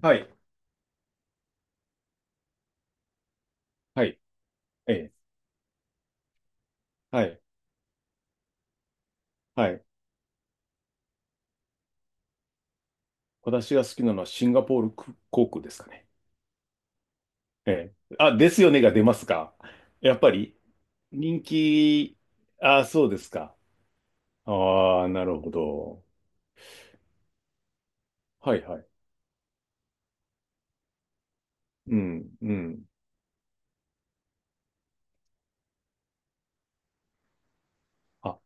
はい。はい。ええ。はい。はい。私が好きなのはシンガポール航空ですかね。ええ。あ、ですよねが出ますか。やっぱり人気、あ、そうですか。ああ、なるほど。はいはい。うん、うん。あ、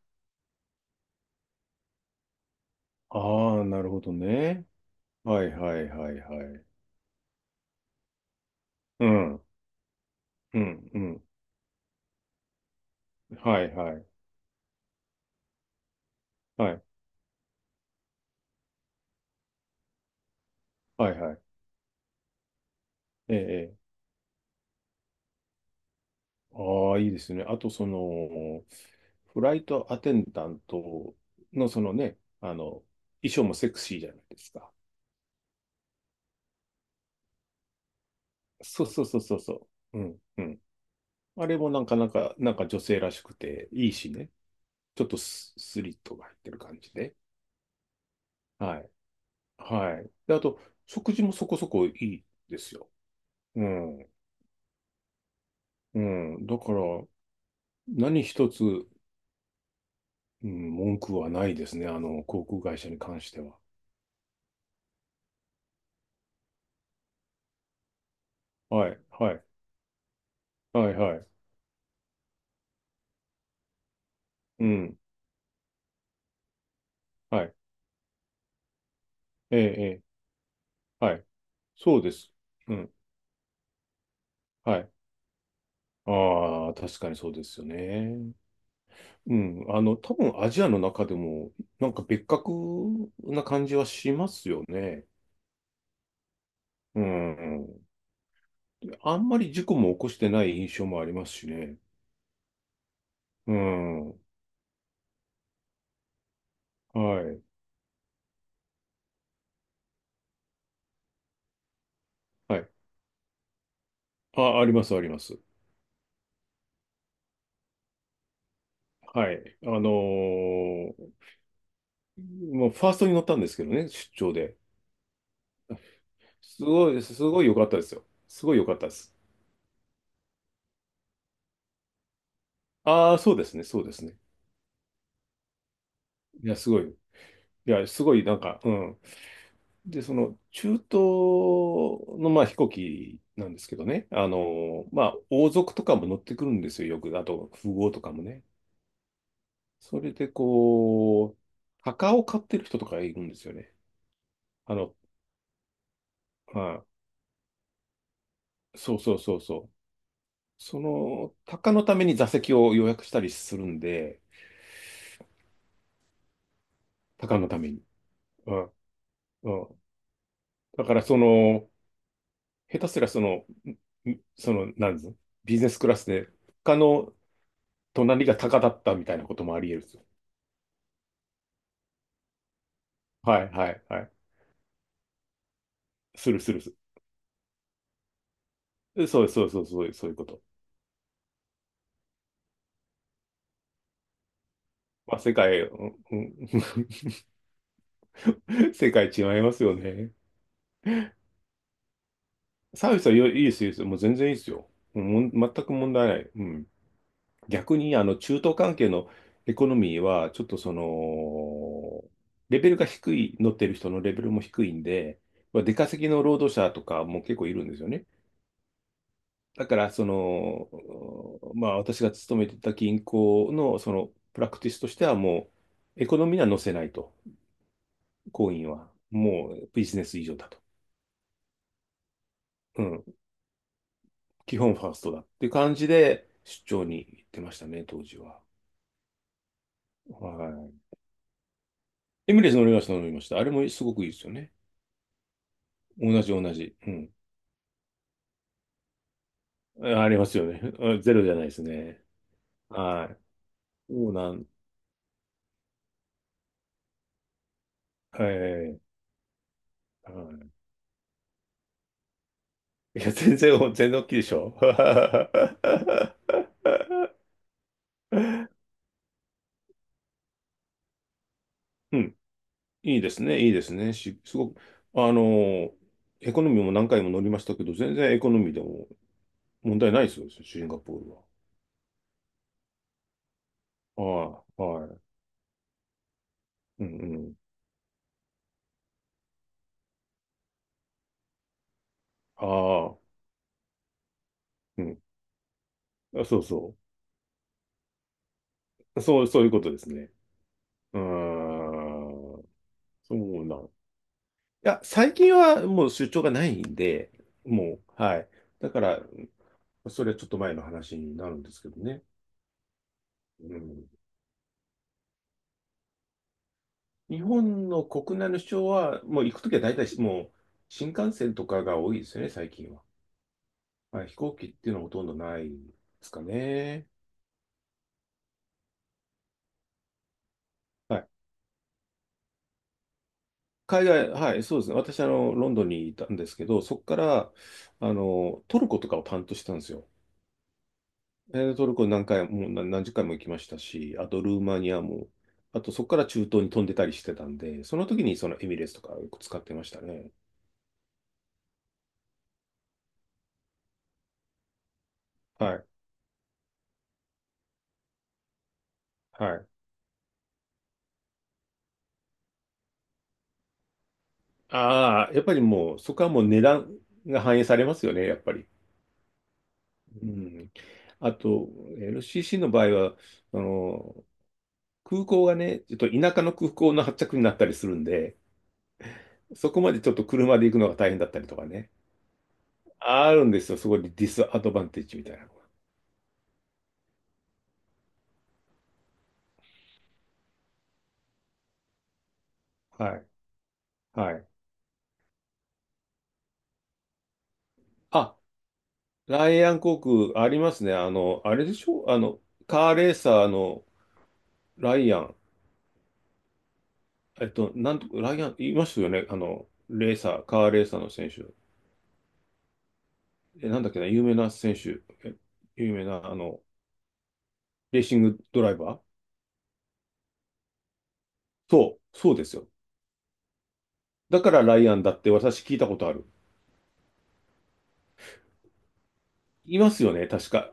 ああ、なるほどね。はいはいはいはい。うん、うん、うん。はいはい。はい、はいはい。ええ。ああ、いいですね。あと、その、フライトアテンダントの、そのね、衣装もセクシーじゃないですか。そうそうそうそうそう。うん、うん。あれもなんか、なんか、なんか女性らしくていいしね。ちょっとスリットが入ってる感じで。はい。はい。で、あと、食事もそこそこいいですよ。うん。うん。だから、何一つ、うん、文句はないですね。あの、航空会社に関しては。はい。はい。はい。はい。うん。はい。ええ、ええ、はい。そうです。うん。はい。ああ、確かにそうですよね。うん。あの、多分アジアの中でも、なんか別格な感じはしますよね。うん。あんまり事故も起こしてない印象もありますしね。うん。はい。はい。あ、あります、あります。はい。あのー、もうファーストに乗ったんですけどね、出張で。すごい、すごい良かったですよ。すごい良かったです。ああ、そうですね、そうですね。いや、すごい。いや、すごいなんか、うん。で、その中東のまあ飛行機なんですけどね、あの、まあ王族とかも乗ってくるんですよ、よく。あと富豪とかもね。それでこう、墓を買ってる人とかいるんですよね。あの、はい、そうそうそうそう。その、鷹のために座席を予約したりするんで、鷹のために。うん、うん。だからその、下手すらその、その、なんですビジネスクラスで、他の隣が鷹だったみたいなこともあり得るんですよ。はい、はい、はい。するするする。そうそうそうそうそういうこと。まあ、世界、うんうん 世界違いますよね。サービスはいいいですよ、いいですよ。もう全然いいですよ。もう全く問題ない。うん。逆に、あの、中東関係のエコノミーは、ちょっとその、レベルが低い、乗ってる人のレベルも低いんで、まあ出稼ぎの労働者とかも結構いるんですよね。だから、その、まあ、私が勤めてた銀行の、その、プラクティスとしては、もう、エコノミーには載せないと。行員は。もう、ビジネス以上だと。うん。基本ファーストだっていう感じで、出張に行ってましたね、当時は。はい。エミレス乗りました、乗りました。あれもすごくいいですよね。同じ、同じ。うん。あ、ありますよね。あ、ゼロじゃないですね。はい。そうなん、はい。はい。いや、全然、全然大きいでしょ。うん。いいですね、いいですね。すごく、あの、エコノミーも何回も乗りましたけど、全然エコノミーでも問題ないですよ、シンガポールは。はい、はい。うんうん。ああ、うん。あ、そうそう。そう、そういうことですね。うーん。そうなん。いや、最近はもう出張がないんで、もう、はい。だから、それはちょっと前の話になるんですけどね。うん。日本の国内の主張は、もう行くときは大体もう新幹線とかが多いですよね、最近は。はい、飛行機っていうのはほとんどないですかね。はい。海外、はい、そうですね。私、あの、ロンドンにいたんですけど、そこから、あの、トルコとかを担当してたんですよ。えートルコ何回も、何十回も行きましたし、あとルーマニアも、あとそこから中東に飛んでたりしてたんで、その時にそのエミレーツとかよく使ってましたね。はい。はい。ああ、やっぱりもう、そこはもう値段が反映されますよね、やっぱり。うん。あと、LCC の場合は、あの、空港がね、ちょっと田舎の空港の発着になったりするんで、そこまでちょっと車で行くのが大変だったりとかね。あるんですよ、そこでディスアドバンテージみたいなのが。はい。はい。あ、ライアン航空ありますね。あの、あれでしょあの、カーレーサーのライアン。えっと、なんと、ライアン、いますよね。あの、レーサー、カーレーサーの選手。え、なんだっけな、有名な選手、え、有名な、あの、レーシングドライバー。そう、そうですよ。だからライアンだって私聞いたことある。いますよね、確か。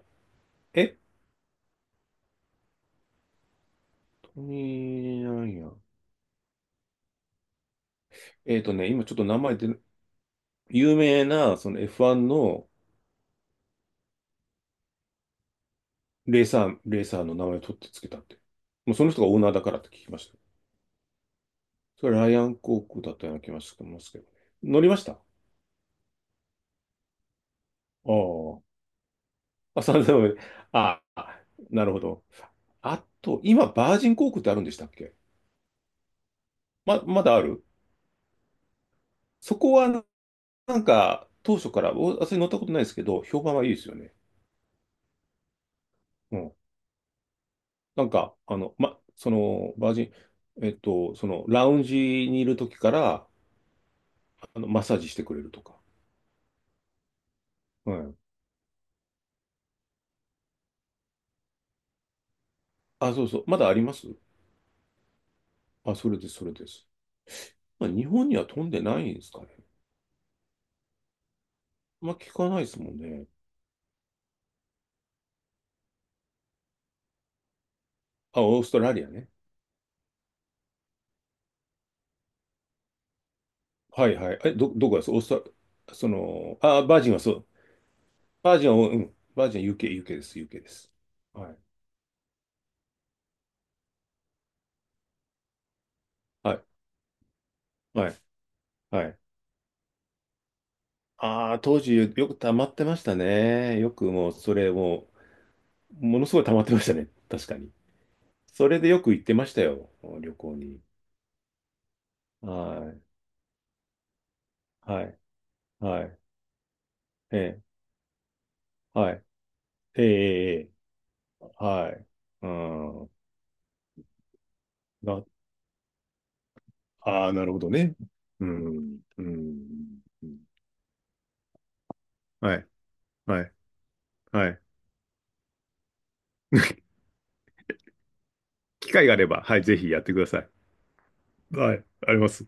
え、トミー・ライアン。えっとね、今ちょっと名前で、有名な、その F1 のレーサーの名前を取ってつけたって。もうその人がオーナーだからって聞きました。それライアン航空だったような気がしてますけどね。乗りましたああ。あ、3000円。ああ、なるほど。あと、今、バージン航空ってあるんでしたっけ。ま、まだある。そこはな、なんか当初から、お、私乗ったことないですけど、評判はいいですよね。うん。なんか、あの、ま、その、バージン、えっと、その、ラウンジにいる時から、あの、マッサージしてくれるとか。うん。あ、そうそう。まだあります。あ、それです、それです。まあ、日本には飛んでないんですかね。まあ、聞かないですもんね。あ、オーストラリアね。はいはい。え、ど、どこですオーストその、あ、バージンはそう。バージンは、うん。バージンは UK、UK です、有形です。はい。はい。はい。はい。ああ、当時よく溜まってましたね。よくそれもう、ものすごい溜まってましたね。確かに。それでよく行ってましたよ。旅行に。はい。はい。はい。ええ。はい。ええ。ええ。はい。うん。な、ああ、なるほどね。うん。うん。はい。はい。はい。機会があれば、はい、ぜひやってください。はい。あります。